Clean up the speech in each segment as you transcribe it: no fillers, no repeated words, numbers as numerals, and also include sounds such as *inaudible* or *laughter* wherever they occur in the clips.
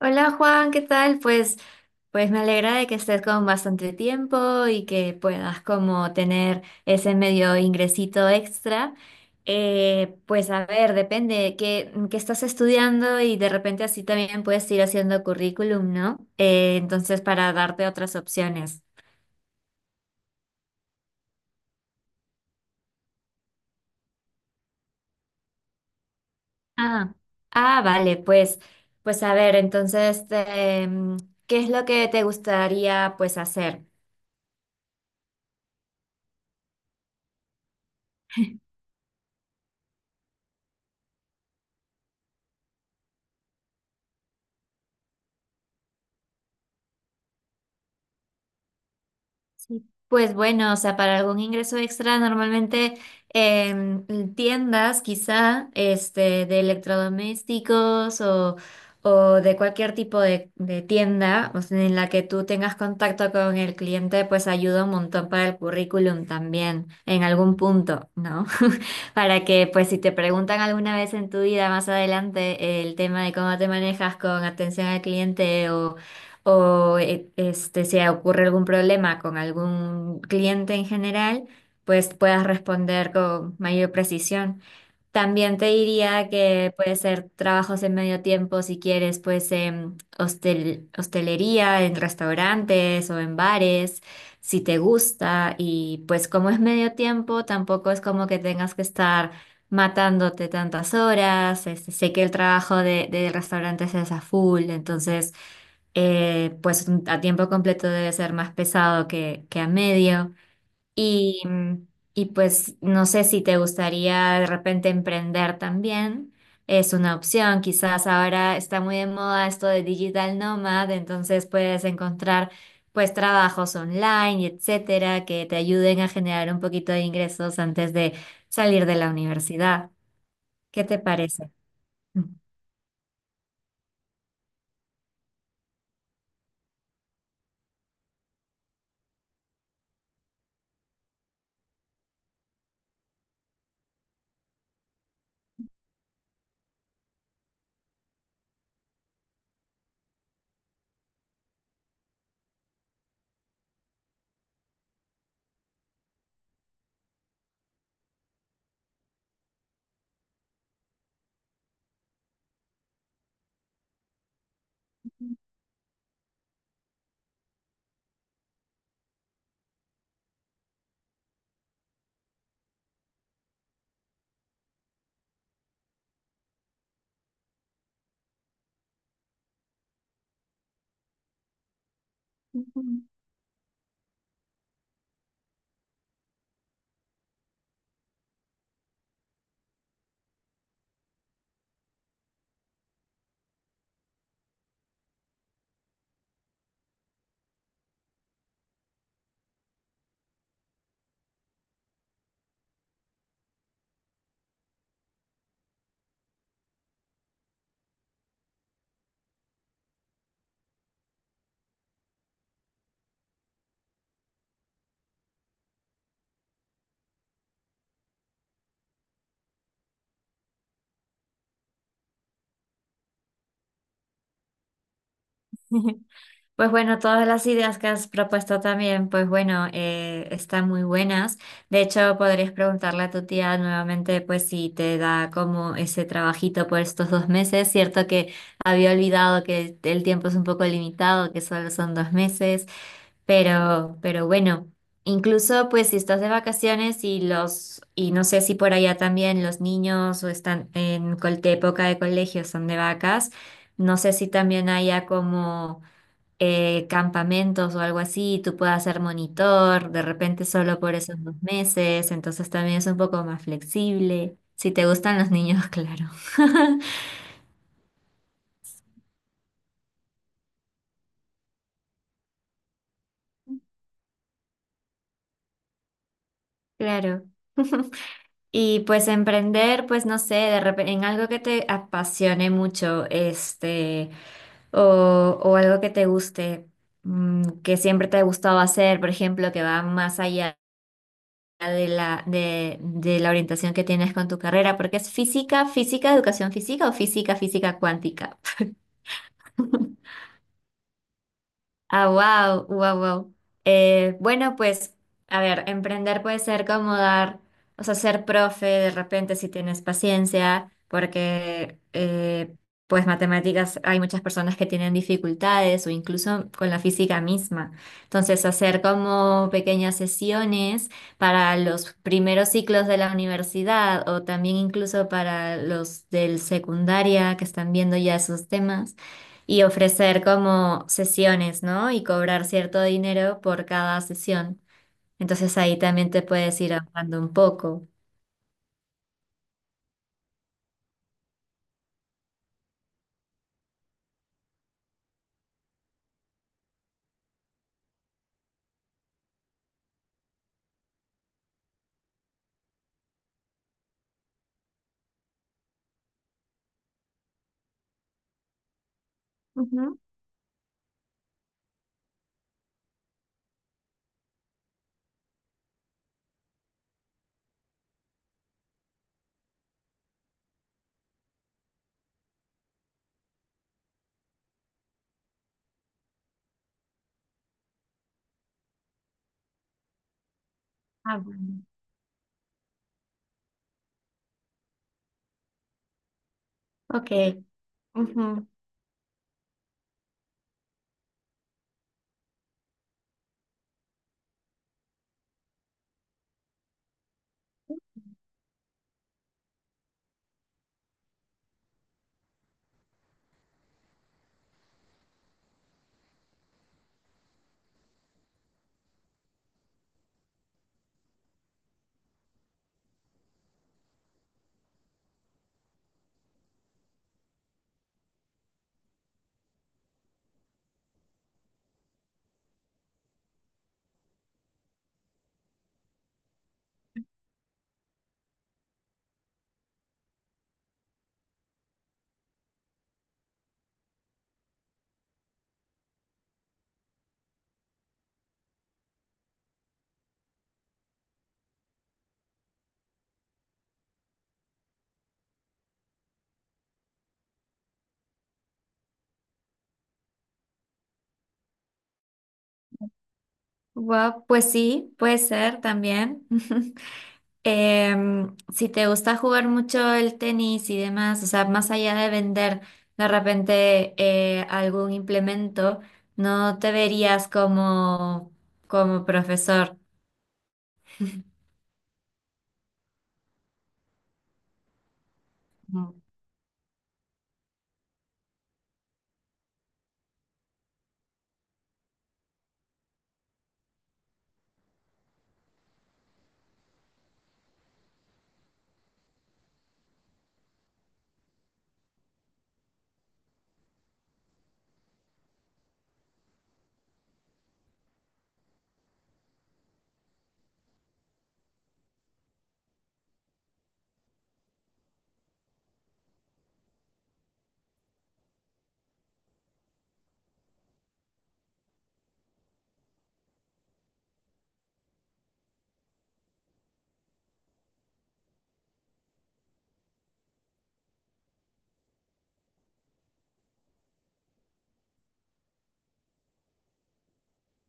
Hola Juan, ¿qué tal? Pues, me alegra de que estés con bastante tiempo y que puedas como tener ese medio ingresito extra. Pues a ver, depende qué estás estudiando y de repente así también puedes ir haciendo currículum, ¿no? Entonces para darte otras opciones. Ah, ah, vale, pues a ver, entonces, este, ¿qué es lo que te gustaría pues hacer? *laughs* Sí, pues bueno, o sea, para algún ingreso extra, normalmente en tiendas, quizá, este, de electrodomésticos o, o de cualquier tipo de tienda, o sea, en la que tú tengas contacto con el cliente, pues ayuda un montón para el currículum también, en algún punto, ¿no? *laughs* Para que, pues, si te preguntan alguna vez en tu vida más adelante el tema de cómo te manejas con atención al cliente o este, se ocurre algún problema con algún cliente en general, pues puedas responder con mayor precisión. También te diría que puede ser trabajos en medio tiempo si quieres, pues en hostel- hostelería, en restaurantes o en bares, si te gusta. Y pues como es medio tiempo, tampoco es como que tengas que estar matándote tantas horas. Este, sé que el trabajo de restaurantes es a full, entonces pues a tiempo completo debe ser más pesado que a medio. Y, y pues no sé si te gustaría de repente emprender también. Es una opción. Quizás ahora está muy de moda esto de digital nomad, entonces puedes encontrar pues trabajos online, y etcétera, que te ayuden a generar un poquito de ingresos antes de salir de la universidad. ¿Qué te parece? Mm. Pues bueno, todas las ideas que has propuesto también, pues bueno, están muy buenas. De hecho, podrías preguntarle a tu tía nuevamente, pues si te da como ese trabajito por estos 2 meses. Cierto que había olvidado que el tiempo es un poco limitado, que solo son 2 meses. Pero bueno, incluso pues si estás de vacaciones y los, y no sé si por allá también los niños o están en col- de época de colegio son de vacas, no sé si también haya como campamentos o algo así, tú puedas ser monitor, de repente solo por esos 2 meses, entonces también es un poco más flexible. Si te gustan los niños, *laughs* claro. *laughs* Claro. Y pues emprender, pues no sé, de repente en algo que te apasione mucho, este, o algo que te guste, mm, que siempre te ha gustado hacer, por ejemplo, que va más allá. De la orientación que tienes con tu carrera, porque es física, física, educación física o física, física cuántica. *laughs* Ah, wow, wow, wow. Bueno, pues, a ver, emprender puede ser como dar, o sea, ser profe de repente si tienes paciencia, porque pues matemáticas hay muchas personas que tienen dificultades o incluso con la física misma. Entonces, hacer como pequeñas sesiones para los primeros ciclos de la universidad o también incluso para los del secundaria que están viendo ya esos temas y ofrecer como sesiones, ¿no? Y cobrar cierto dinero por cada sesión. Entonces ahí también te puedes ir ahorrando un poco. Ujú. Ah, bueno. Ok. Ujú. Guau, pues sí, puede ser también. *laughs* Si te gusta jugar mucho el tenis y demás, o sea, más allá de vender de repente algún implemento, no te verías como, como profesor. Mm.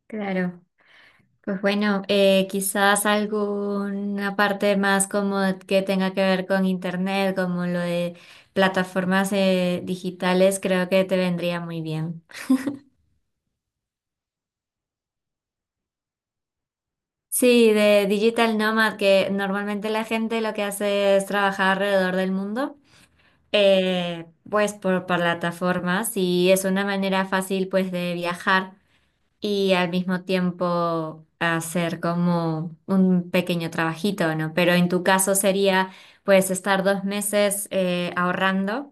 Claro. Pues bueno, quizás alguna parte más como que tenga que ver con internet, como lo de plataformas digitales, creo que te vendría muy bien. Sí, de Digital Nomad, que normalmente la gente lo que hace es trabajar alrededor del mundo, pues por plataformas y es una manera fácil pues de viajar. Y al mismo tiempo hacer como un pequeño trabajito, ¿no? Pero en tu caso sería, pues, estar 2 meses ahorrando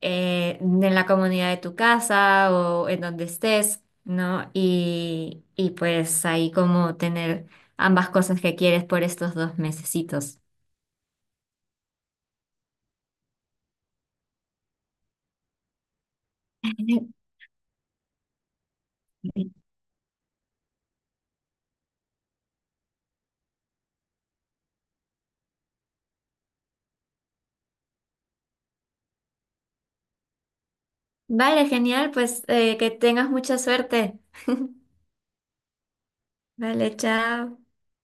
en la comunidad de tu casa o en donde estés, ¿no? Y pues ahí como tener ambas cosas que quieres por estos 2 mesecitos. *laughs* Vale, genial, pues que tengas mucha suerte. *laughs* Vale, chao.